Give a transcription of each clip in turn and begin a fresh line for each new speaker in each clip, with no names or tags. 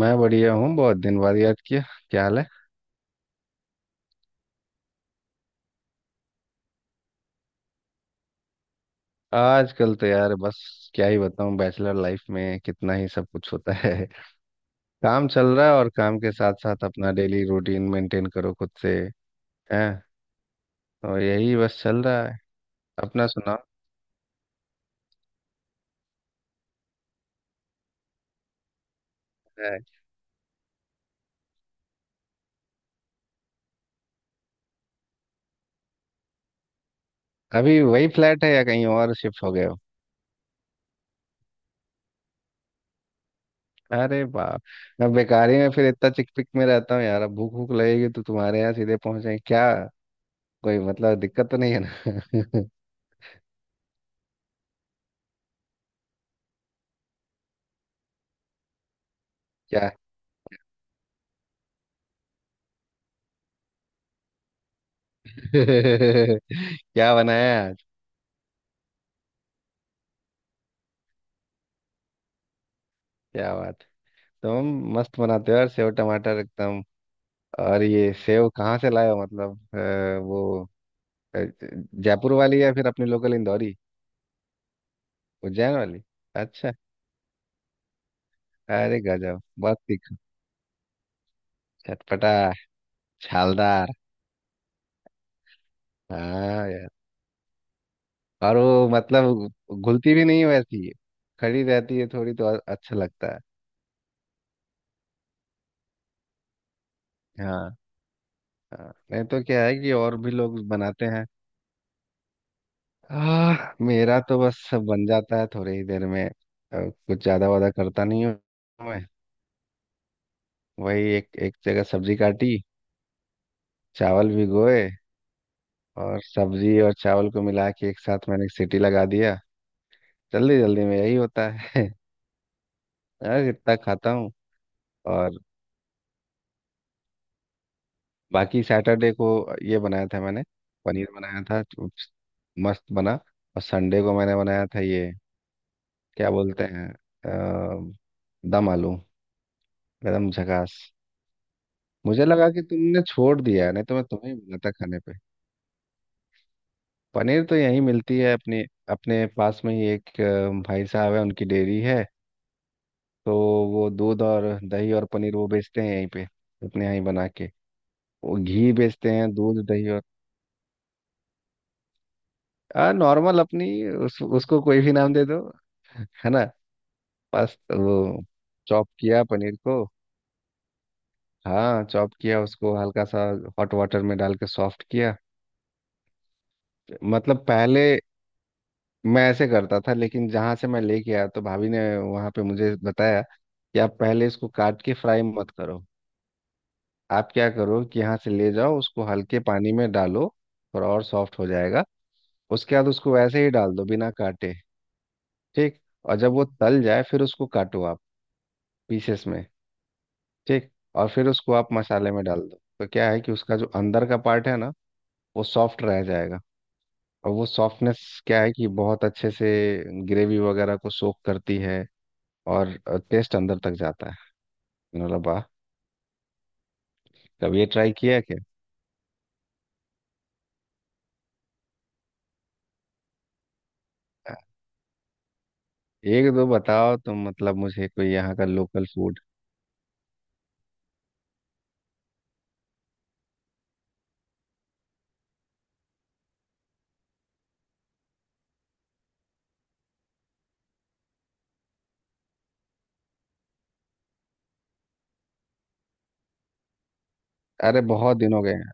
मैं बढ़िया हूँ। बहुत दिन बाद याद किया। क्या हाल है? आजकल तो यार बस क्या ही बताऊँ, बैचलर लाइफ में कितना ही सब कुछ होता है। काम चल रहा है, और काम के साथ साथ अपना डेली रूटीन मेंटेन करो खुद से। हैं। और यही बस चल रहा है। अपना सुनाओ। है? अभी वही फ्लैट है या कहीं और शिफ्ट हो गए हो? अरे बाप। मैं बेकारी में फिर इतना चिकपिक में रहता हूँ यार, अब भूख भूख लगेगी तो तुम्हारे यहाँ सीधे पहुंचे क्या? कोई मतलब दिक्कत तो नहीं है ना? क्या। क्या बनाया आज? क्या बात। तुम मस्त बनाते हो यार, सेव टमाटर एकदम। और ये सेव कहाँ से लाए हो, मतलब वो अ, जयपुर वाली या फिर अपनी लोकल इंदौरी उज्जैन वाली? अच्छा। अरे गजब, बहुत तीखा, चटपटा, छालदार। हाँ यार। और वो मतलब घुलती भी नहीं है वैसी, खड़ी रहती है थोड़ी तो और अच्छा लगता है। हाँ हाँ। नहीं तो क्या है कि और भी लोग बनाते हैं। मेरा तो बस बन जाता है थोड़ी ही देर में, कुछ ज्यादा वादा करता नहीं हूँ मैं। वही एक एक जगह सब्जी काटी, चावल भिगोए, और सब्जी और चावल को मिला के एक साथ मैंने एक सीटी लगा दिया। जल्दी जल्दी में यही होता है। हाँ, इतना खाता हूँ। और बाकी सैटरडे को ये बनाया था मैंने, पनीर बनाया था तो मस्त बना। और संडे को मैंने बनाया था ये, क्या बोलते हैं, अ, दम आलू। एकदम झकास। मुझे लगा कि तुमने छोड़ दिया है, नहीं तो मैं तुम्हें ही बनाता खाने। पनीर तो यहीं मिलती है अपने, अपने पास में ही एक भाई साहब है, उनकी डेयरी है। तो वो दूध और दही और पनीर वो बेचते हैं यहीं पे, अपने यहाँ ही बना के। वो घी बेचते हैं, दूध दही और आ नॉर्मल अपनी उसको कोई भी नाम दे दो। है ना। बस वो चॉप किया पनीर को। हाँ चॉप किया उसको हल्का सा, हॉट वाटर में डाल के सॉफ्ट किया। मतलब पहले मैं ऐसे करता था, लेकिन जहाँ से मैं लेके आया तो भाभी ने वहाँ पे मुझे बताया कि आप पहले इसको काट के फ्राई मत करो। आप क्या करो कि यहाँ से ले जाओ उसको, हल्के पानी में डालो और सॉफ्ट हो जाएगा। उसके बाद उसको वैसे ही डाल दो बिना काटे। ठीक। और जब वो तल जाए फिर उसको काटो आप, पीसेस में। ठीक। और फिर उसको आप मसाले में डाल दो, तो क्या है कि उसका जो अंदर का पार्ट है ना, वो सॉफ्ट रह जाएगा। और वो सॉफ्टनेस क्या है कि बहुत अच्छे से ग्रेवी वगैरह को सोख करती है, और टेस्ट अंदर तक जाता है। मैंने बोला वाह। कभी ये ट्राई किया है क्या? एक दो बताओ तुम, मतलब मुझे कोई यहाँ का लोकल फूड। अरे बहुत दिन हो गए हैं।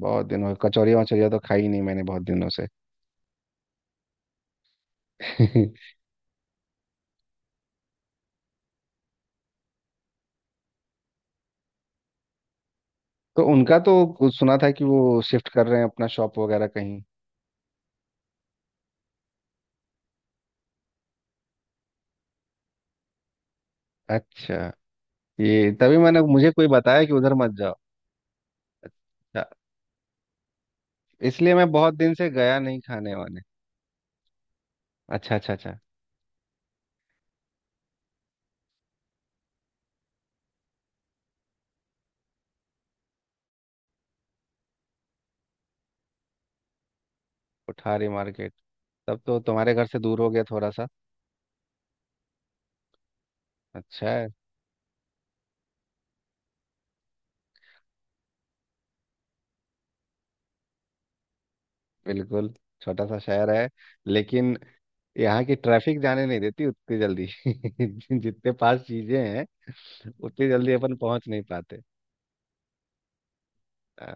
बहुत दिन हो गए, कचौरियाँ वचौरियाँ तो खाई नहीं मैंने बहुत दिनों से। तो उनका तो कुछ सुना था कि वो शिफ्ट कर रहे हैं अपना शॉप वगैरह कहीं। अच्छा। ये तभी मैंने, मुझे कोई बताया कि उधर मत जाओ। अच्छा, इसलिए मैं बहुत दिन से गया नहीं खाने वाने। अच्छा अच्छा अच्छा। कोठारी मार्केट। तब तो तुम्हारे घर से दूर हो गया थोड़ा सा। अच्छा। बिल्कुल। छोटा सा शहर है, लेकिन यहाँ की ट्रैफिक जाने नहीं देती उतनी जल्दी जितने पास चीजें हैं, उतनी जल्दी अपन पहुंच नहीं पाते। हाँ,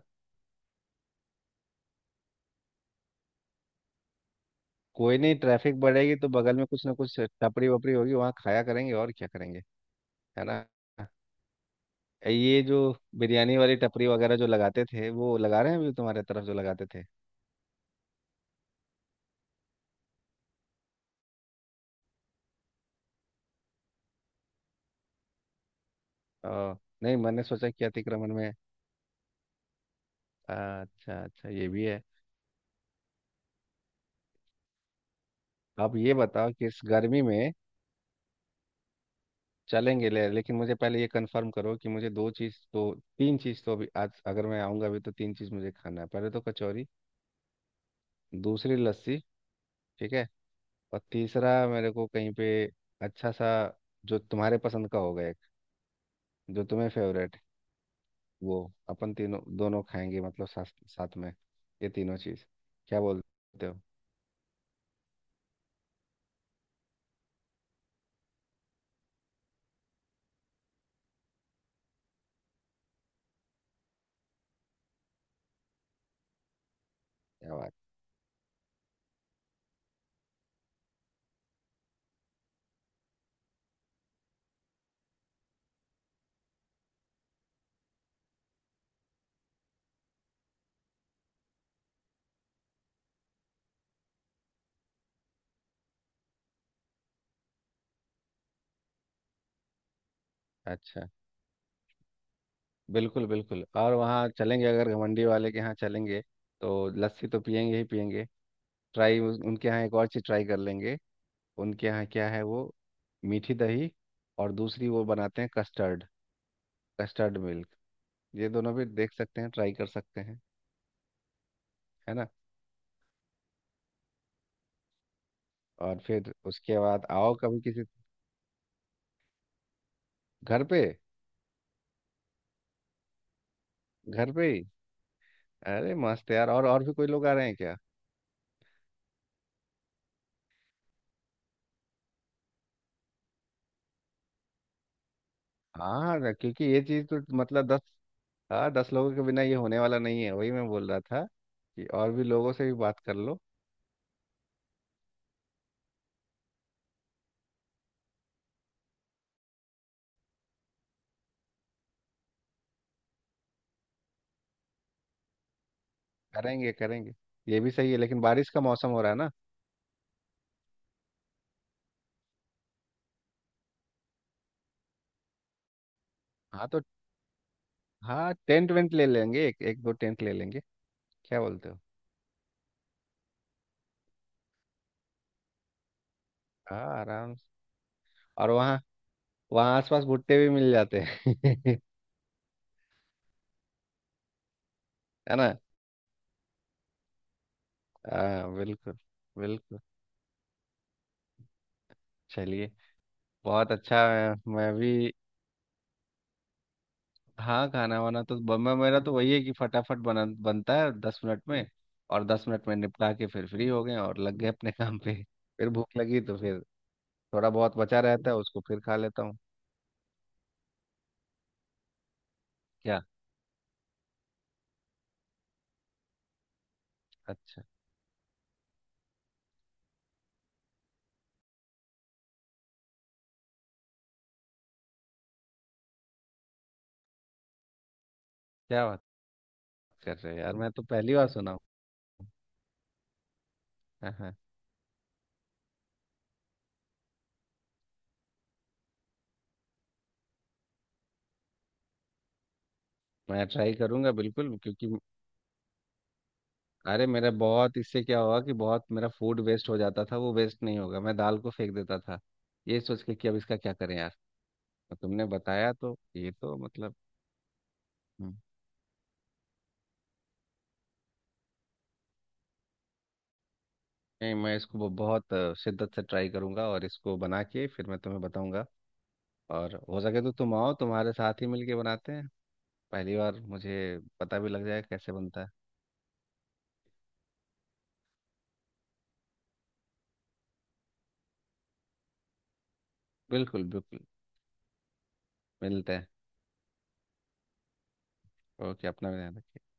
कोई नहीं, ट्रैफिक बढ़ेगी तो बगल में कुछ ना कुछ टपरी वपरी होगी, वहाँ खाया करेंगे और क्या करेंगे। है ना। ये जो बिरयानी वाली टपरी वगैरह जो लगाते थे, वो लगा रहे हैं अभी तुम्हारे तरफ जो लगाते थे? आ, नहीं मैंने सोचा कि अतिक्रमण में। अच्छा अच्छा, ये भी है। अब ये बताओ कि इस गर्मी में चलेंगे ले, लेकिन मुझे पहले ये कंफर्म करो कि मुझे दो चीज़ तो, तीन चीज़ तो, अभी आज अगर मैं आऊँगा अभी तो तीन चीज़ मुझे खाना है। पहले तो कचौरी, दूसरी लस्सी। ठीक है। और तीसरा मेरे को कहीं पे अच्छा सा, जो तुम्हारे पसंद का होगा एक, जो तुम्हें फेवरेट वो, अपन तीनों दोनों खाएंगे, मतलब साथ साथ में ये तीनों चीज़। क्या बोलते हो? क्या बात। अच्छा। बिल्कुल बिल्कुल। और वहाँ चलेंगे, अगर घमंडी वाले के यहाँ चलेंगे तो लस्सी तो पियेंगे ही पियेंगे। ट्राई, उनके यहाँ एक और चीज़ ट्राई कर लेंगे। उनके यहाँ क्या है वो, मीठी दही, और दूसरी वो बनाते हैं कस्टर्ड, कस्टर्ड मिल्क। ये दोनों भी देख सकते हैं, ट्राई कर सकते हैं। है ना। और फिर उसके बाद आओ कभी किसी, घर पे। घर पे ही। अरे मस्त यार। और भी कोई लोग आ रहे हैं क्या? हाँ ना, क्योंकि ये चीज़ तो मतलब दस, हाँ 10 लोगों के बिना ये होने वाला नहीं है, वही मैं बोल रहा था कि और भी लोगों से भी बात कर लो। करेंगे करेंगे। ये भी सही है, लेकिन बारिश का मौसम हो रहा है ना। हाँ तो, हाँ टेंट वेंट ले लेंगे, एक एक दो टेंट ले लेंगे। क्या बोलते हो? हाँ आराम से। और वहाँ वहाँ आसपास भुट्टे भी मिल जाते हैं। है ना। हाँ बिल्कुल। बिल्कुल। चलिए। बहुत अच्छा है मैं भी। हाँ खाना वाना तो मैं मेरा तो वही है कि फटाफट बना बनता है 10 मिनट में, और 10 मिनट में निपटा के फिर फ्री हो गए और लग गए अपने काम पे। फिर भूख लगी तो फिर, थोड़ा बहुत बचा रहता है उसको फिर खा लेता हूँ। क्या? अच्छा। क्या बात, कर रहे हो यार, मैं तो पहली बार सुना हूँ। हाँ हाँ। मैं ट्राई करूंगा बिल्कुल, क्योंकि अरे मेरा बहुत इससे क्या हुआ कि बहुत मेरा फूड वेस्ट हो जाता था, वो वेस्ट नहीं होगा। मैं दाल को फेंक देता था ये सोच के कि अब इसका क्या करें यार। और तुमने बताया तो ये तो मतलब हम्म, नहीं मैं इसको बहुत शिद्दत से ट्राई करूंगा और इसको बना के फिर मैं तुम्हें बताऊंगा। और हो सके तो तुम आओ, तुम्हारे साथ ही मिलके बनाते हैं। पहली बार मुझे पता भी लग जाएगा कैसे बनता है। बिल्कुल बिल्कुल। मिलते हैं। ओके। अपना भी ध्यान रखिए।